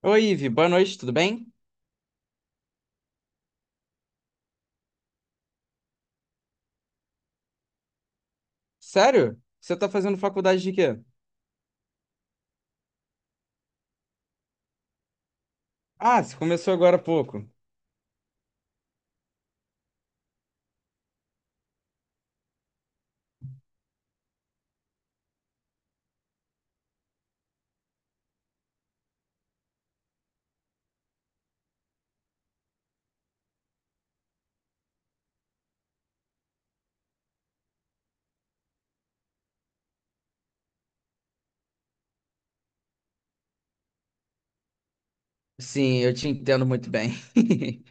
Oi, Ivi, boa noite, tudo bem? Sério? Você tá fazendo faculdade de quê? Ah, você começou agora há pouco. Sim, eu te entendo muito bem.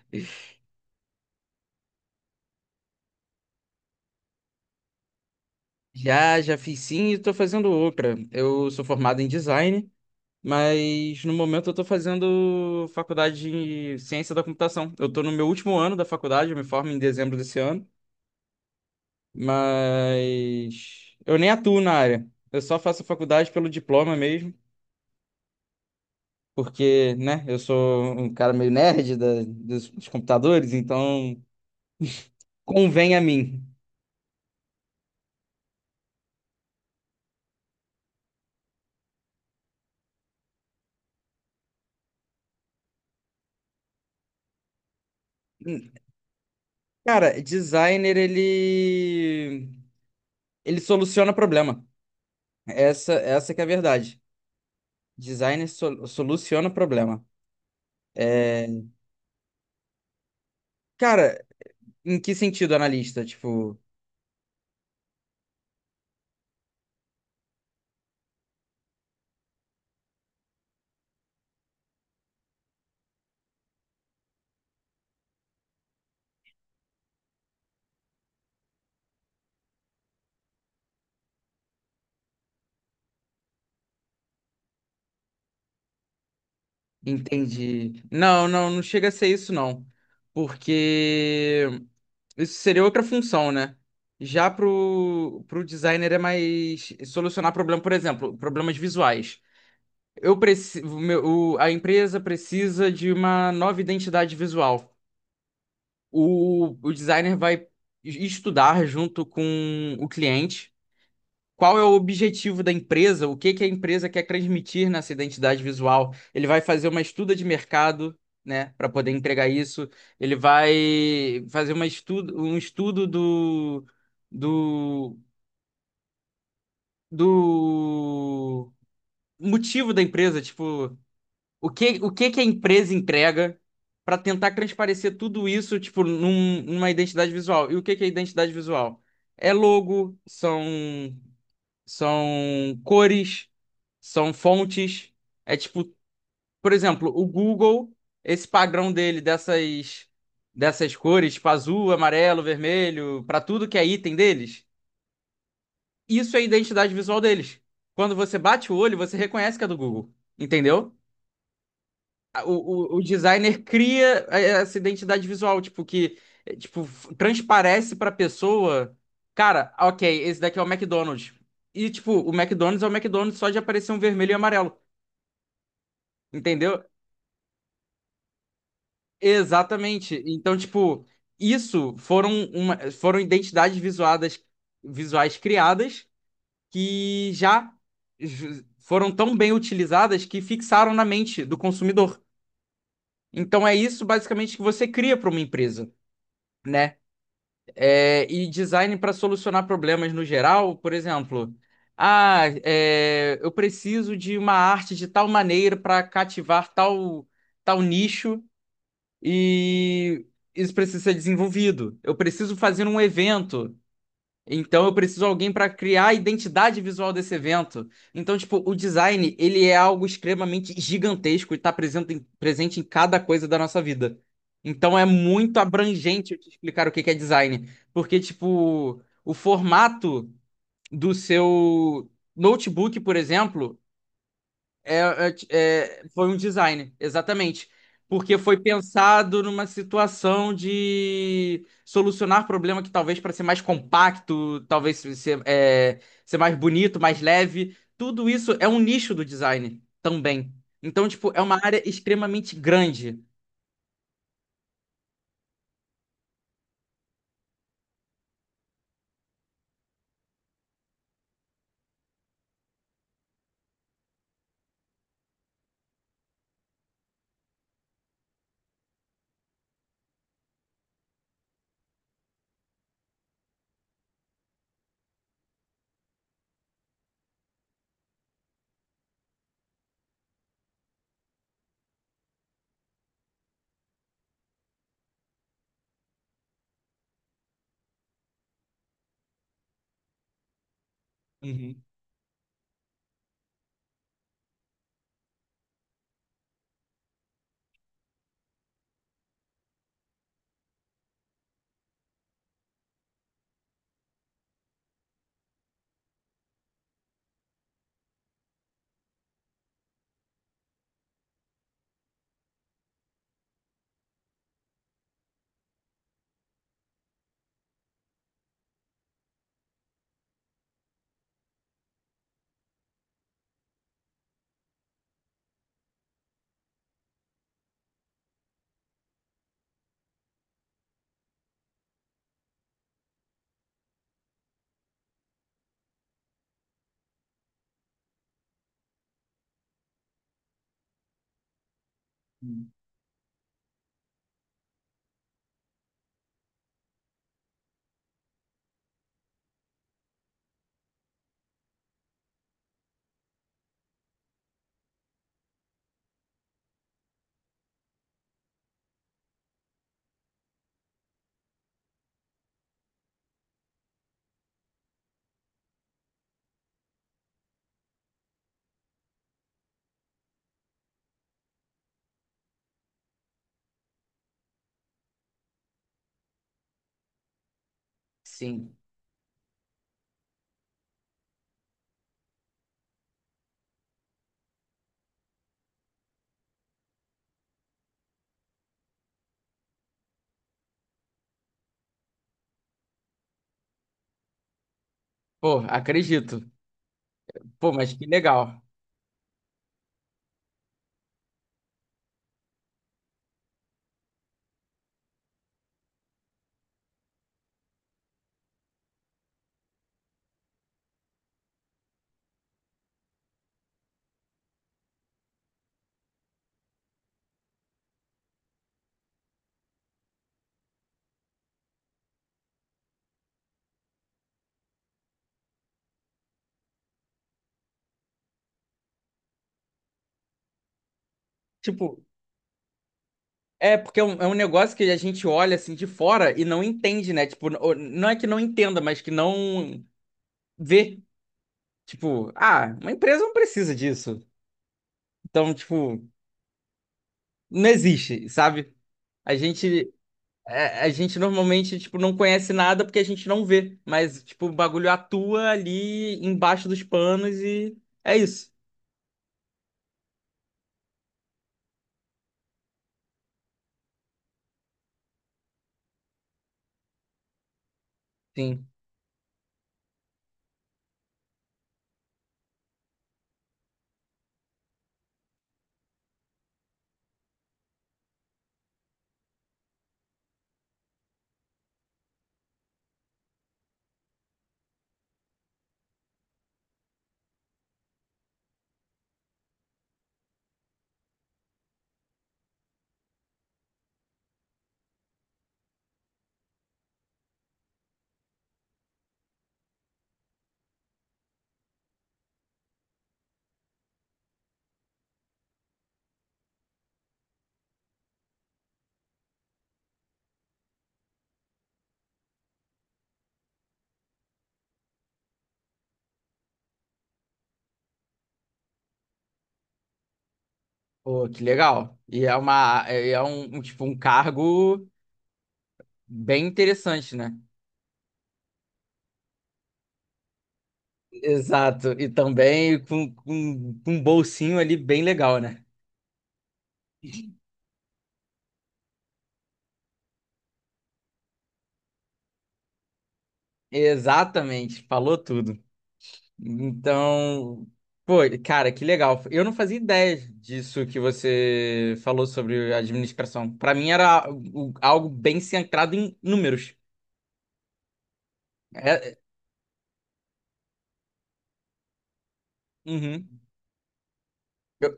Já, já fiz sim e tô fazendo outra. Eu sou formado em design, mas no momento eu tô fazendo faculdade de ciência da computação. Eu tô no meu último ano da faculdade, eu me formo em dezembro desse ano, mas eu nem atuo na área. Eu só faço faculdade pelo diploma mesmo, porque, né, eu sou um cara meio nerd dos, dos computadores, então convém a mim. Hum. Cara, designer, ele soluciona problema. Essa que é a verdade. Designer soluciona problema. É, cara, em que sentido, analista? Tipo, entende? Não, não, não chega a ser isso, não. Porque isso seria outra função, né? Já pro designer é mais solucionar problema, por exemplo, problemas visuais. A empresa precisa de uma nova identidade visual. O designer vai estudar junto com o cliente. Qual é o objetivo da empresa? O que que a empresa quer transmitir nessa identidade visual? Ele vai fazer uma estuda de mercado, né, para poder entregar isso. Ele vai fazer uma estudo, um estudo do, do motivo da empresa, tipo, o que que a empresa entrega para tentar transparecer tudo isso, tipo, numa identidade visual. E o que que é identidade visual? É logo, são são cores, são fontes. É tipo, por exemplo, o Google, esse padrão dele dessas cores, tipo azul, amarelo, vermelho, para tudo que é item deles, isso é a identidade visual deles. Quando você bate o olho, você reconhece que é do Google, entendeu? a- o, o designer cria essa identidade visual, tipo, que tipo, transparece pra pessoa, cara, ok, esse daqui é o McDonald's. E, tipo, o McDonald's é o McDonald's só de aparecer um vermelho e amarelo, entendeu? Exatamente. Então, tipo, isso foram visuais criadas que foram tão bem utilizadas que fixaram na mente do consumidor. Então, é isso basicamente que você cria para uma empresa, né? É, e design para solucionar problemas no geral, por exemplo, ah, é, eu preciso de uma arte de tal maneira para cativar tal nicho e isso precisa ser desenvolvido. Eu preciso fazer um evento, então eu preciso de alguém para criar a identidade visual desse evento. Então, tipo, o design, ele é algo extremamente gigantesco e está presente em cada coisa da nossa vida. Então é muito abrangente eu te explicar o que que é design, porque tipo, o formato do seu notebook, por exemplo, é, é, foi um design, exatamente. Porque foi pensado numa situação de solucionar problema que talvez para ser mais compacto, talvez ser, é, ser mais bonito, mais leve. Tudo isso é um nicho do design também. Então, tipo, é uma área extremamente grande. Uhum. Uhum. Sim. Pô, acredito. Pô, mas que legal. Tipo, é porque é um negócio que a gente olha assim de fora e não entende, né? Tipo, não é que não entenda, mas que não ver, tipo, ah, uma empresa não precisa disso. Então, tipo, não existe, sabe? A gente a gente normalmente, tipo, não conhece nada porque a gente não vê, mas tipo, o bagulho atua ali embaixo dos panos e é isso. Sim. Pô, que legal. E é uma é um, tipo um cargo bem interessante, né? Exato. E também com um bolsinho ali bem legal, né? Exatamente, falou tudo. Então, pô, cara, que legal. Eu não fazia ideia disso que você falou sobre administração. Pra mim era algo bem centrado em números. É, é, uhum. Eu-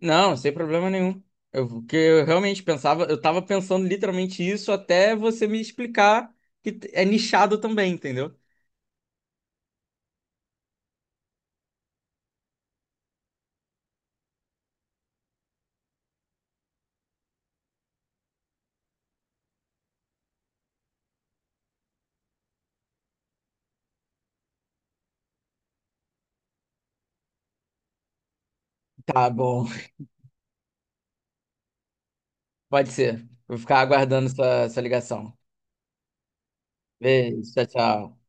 não, sem problema nenhum. Eu, porque eu realmente pensava, eu tava pensando literalmente isso até você me explicar que é nichado também, entendeu? Tá bom. Pode ser. Vou ficar aguardando sua ligação. Beijo, tchau, tchau.